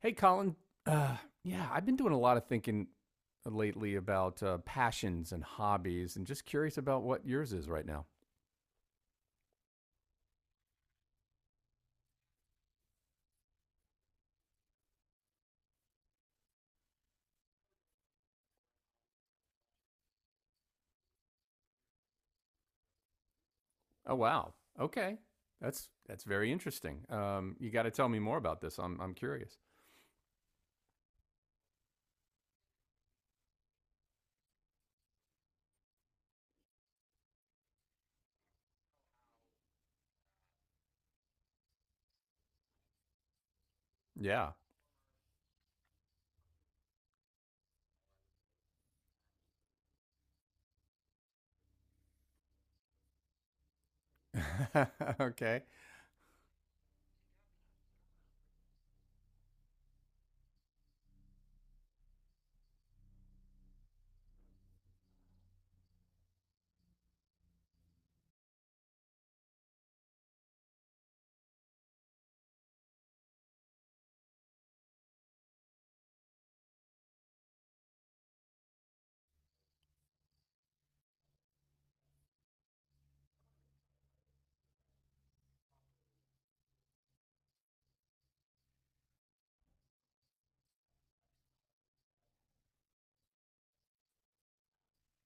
Hey, Colin. Uh, yeah, I've been doing a lot of thinking lately about passions and hobbies, and just curious about what yours is right now. Oh, wow. Okay, that's very interesting. You got to tell me more about this. I'm curious. Yeah. Okay.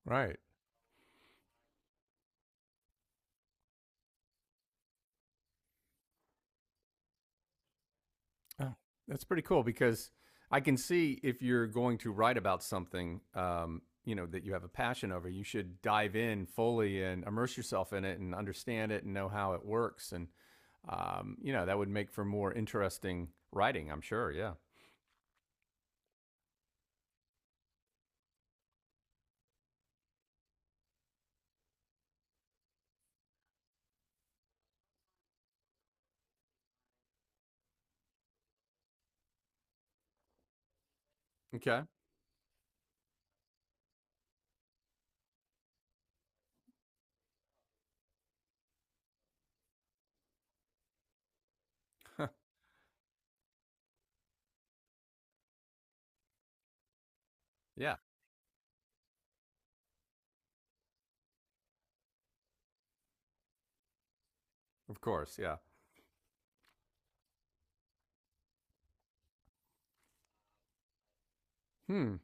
Right. Oh, that's pretty cool because I can see if you're going to write about something, you know, that you have a passion over, you should dive in fully and immerse yourself in it and understand it and know how it works. And, you know, that would make for more interesting writing, I'm sure. Yeah. Okay. Yeah. Of course. Yeah. Hmm.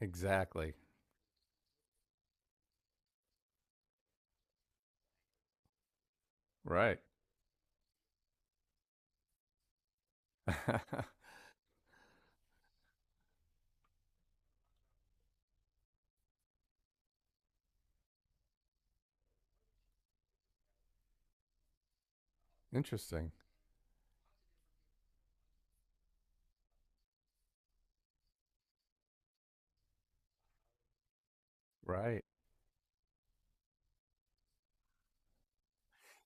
Exactly. Right. Interesting. Right.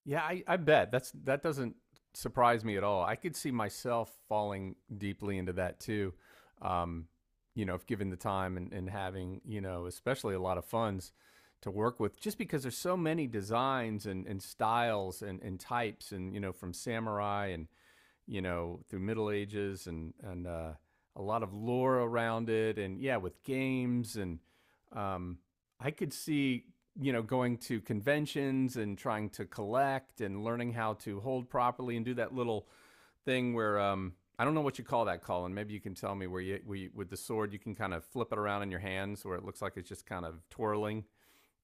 Yeah, I bet that's that doesn't surprise me at all. I could see myself falling deeply into that too. Um, you know, if given the time and having, you know, especially a lot of funds to work with, just because there's so many designs and styles and types and, you know, from samurai and you know, through Middle Ages and a lot of lore around it, and yeah, with games and um, I could see you know going to conventions and trying to collect and learning how to hold properly and do that little thing where I don't know what you call that, Colin. Maybe you can tell me where you with the sword you can kind of flip it around in your hands where it looks like it's just kind of twirling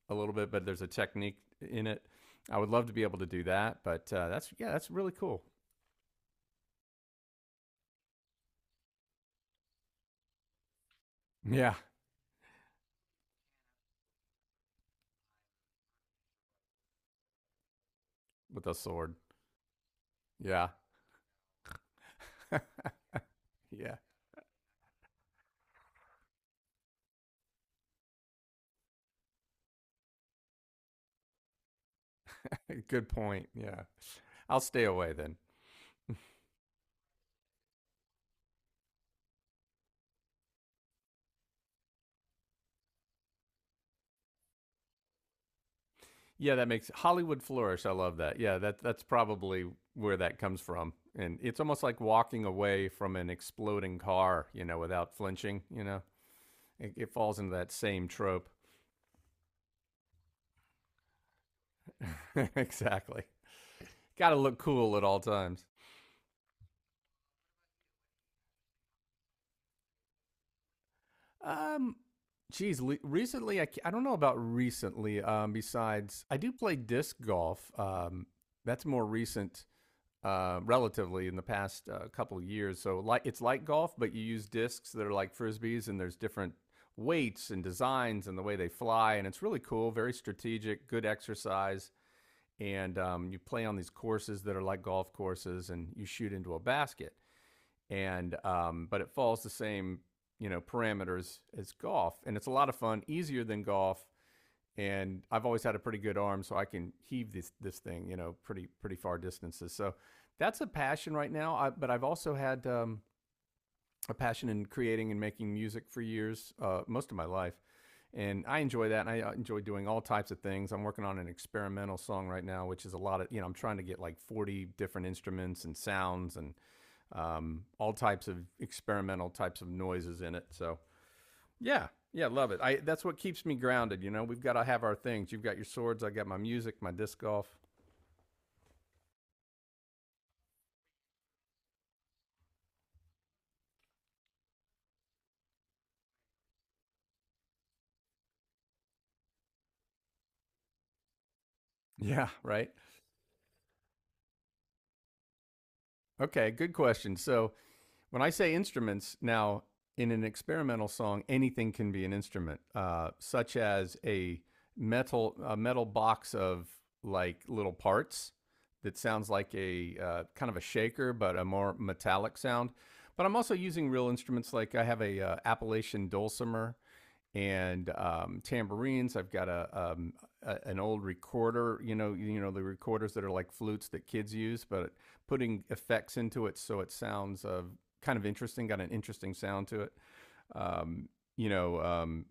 a little bit, but there's a technique in it. I would love to be able to do that, but that's yeah, that's really cool. Yeah, with a sword. Yeah. Yeah. Good point. Yeah. I'll stay away then. Yeah, that makes Hollywood flourish. I love that. Yeah, that's probably where that comes from. And it's almost like walking away from an exploding car, you know, without flinching, you know. It falls into that same trope. Exactly. Got to look cool at all times. Um Geez, recently I don't know about recently. Besides, I do play disc golf. That's more recent relatively in the past couple of years. So like it's like golf, but you use discs that are like frisbees, and there's different weights and designs and the way they fly, and it's really cool, very strategic, good exercise. And you play on these courses that are like golf courses, and you shoot into a basket. And but it follows the same you know parameters as golf, and it's a lot of fun, easier than golf and I've always had a pretty good arm, so I can heave this thing, you know, pretty pretty far distances. So that's a passion right now. But I've also had a passion in creating and making music for years, most of my life, and I enjoy that. And I enjoy doing all types of things. I'm working on an experimental song right now, which is a lot of you know. I'm trying to get like 40 different instruments and sounds and all types of experimental types of noises in it. So yeah. Yeah, love it. I That's what keeps me grounded, you know. We've got to have our things. You've got your swords, I got my music, my disc golf. Yeah, right. Okay, good question. So, when I say instruments, now in an experimental song, anything can be an instrument, such as a metal box of like little parts that sounds like a kind of a shaker, but a more metallic sound. But I'm also using real instruments. Like I have a Appalachian dulcimer and tambourines. I've got a an old recorder, you know the recorders that are like flutes that kids use, but putting effects into it so it sounds kind of interesting, got an interesting sound to it. Um, you know,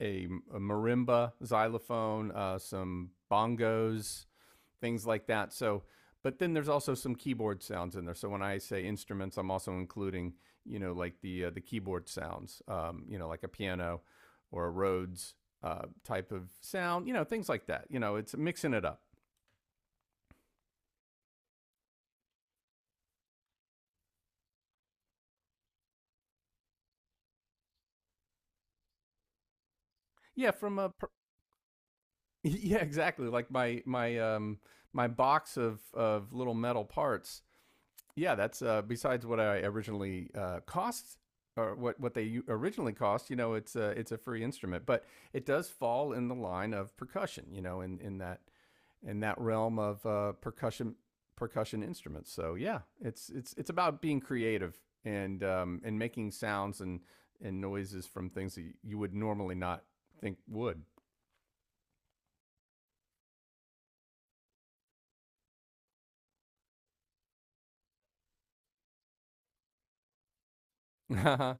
a, a marimba, xylophone, some bongos, things like that. So, but then there's also some keyboard sounds in there. So when I say instruments, I'm also including, you know, like the keyboard sounds, you know, like a piano or a Rhodes type of sound, you know, things like that. You know, it's mixing it up. Yeah, from a yeah, exactly. Like my my box of little metal parts yeah, that's besides what I originally cost or what they originally cost. You know, it's a free instrument, but it does fall in the line of percussion. You know, in that realm of percussion instruments. So yeah, it's it's about being creative and making sounds and noises from things that you would normally not think would. Mm.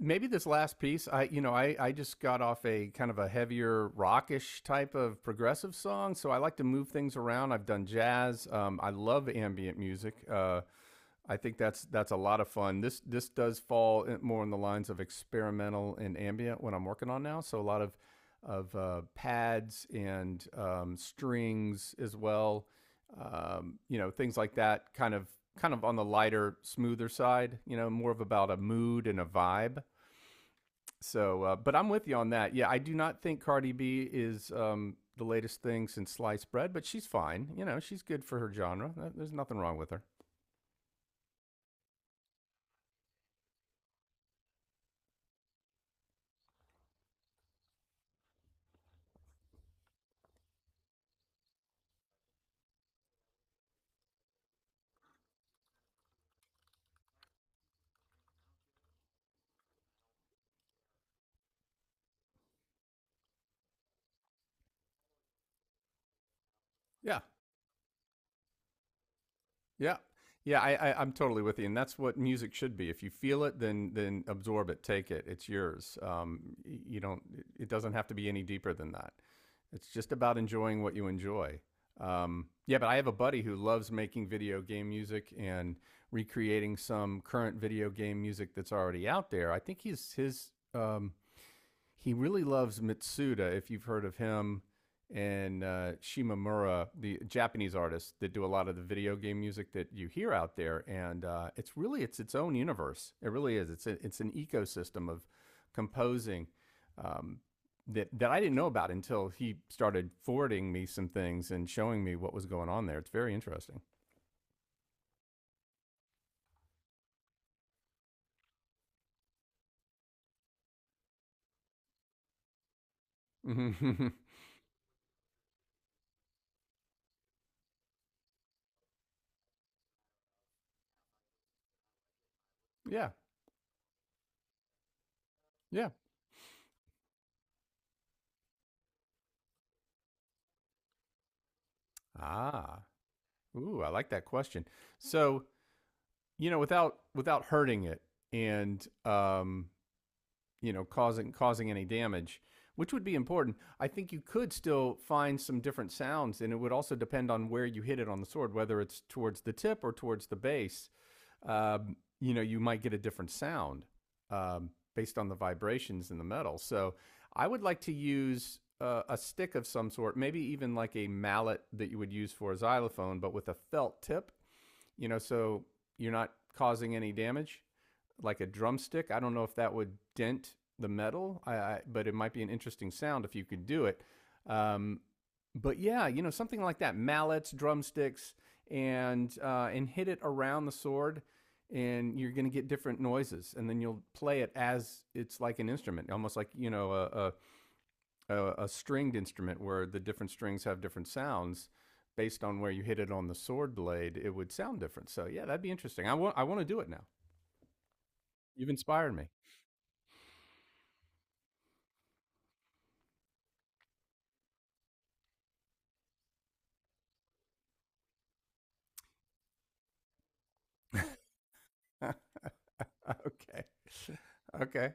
Maybe this last piece I you know I just got off a kind of a heavier rockish type of progressive song so I like to move things around. I've done jazz I love ambient music I think that's a lot of fun. This does fall more in the lines of experimental and ambient when I'm working on now, so a lot of pads and strings as well you know, things like that, kind of on the lighter smoother side, you know, more of about a mood and a vibe, so, but I'm with you on that. Yeah, I do not think Cardi B is the latest thing since sliced bread, but she's fine. You know, she's good for her genre. There's nothing wrong with her. Yeah, Yeah. Yeah, I'm totally with you, and that's what music should be. If you feel it, then absorb it, take it. It's yours. You don't. It doesn't have to be any deeper than that. It's just about enjoying what you enjoy. Yeah, but I have a buddy who loves making video game music and recreating some current video game music that's already out there. I think he's his he really loves Mitsuda, if you've heard of him, and Shimamura, the Japanese artist that do a lot of the video game music that you hear out there. And it's really it's its own universe. It really is. It's an ecosystem of composing. Um, that I didn't know about until he started forwarding me some things and showing me what was going on there. It's very interesting. Yeah. Yeah. Ah. Ooh, I like that question. So you know, without hurting it and you know causing any damage, which would be important. I think you could still find some different sounds, and it would also depend on where you hit it on the sword, whether it's towards the tip or towards the base. You know, you might get a different sound based on the vibrations in the metal. So, I would like to use a stick of some sort, maybe even like a mallet that you would use for a xylophone, but with a felt tip you know, so you're not causing any damage. Like a drumstick, I don't know if that would dent the metal, but it might be an interesting sound if you could do it. Um, but yeah, you know, something like that: mallets, drumsticks, and hit it around the sword, and you're going to get different noises. And then you'll play it as it's like an instrument, almost like, you know, a stringed instrument where the different strings have different sounds based on where you hit it on the sword blade, it would sound different. So yeah, that'd be interesting. I want to do it now. You've inspired me. Okay. Okay.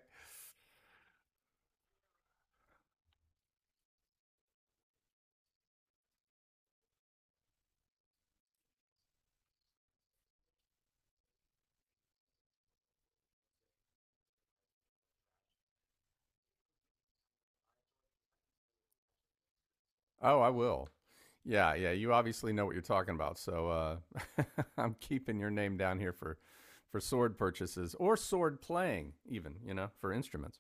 Oh, I will. Yeah, yeah. You obviously know what you're talking about. So I'm keeping your name down here for sword purchases or sword playing, even you know, for instruments.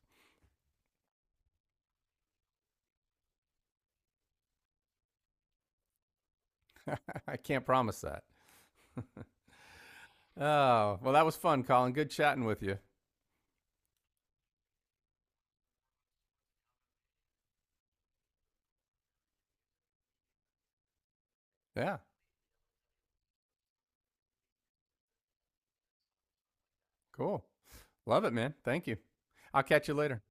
I can't promise that. Oh, well, that was fun, Colin. Good chatting with you. Yeah. Cool. Love it, man. Thank you. I'll catch you later.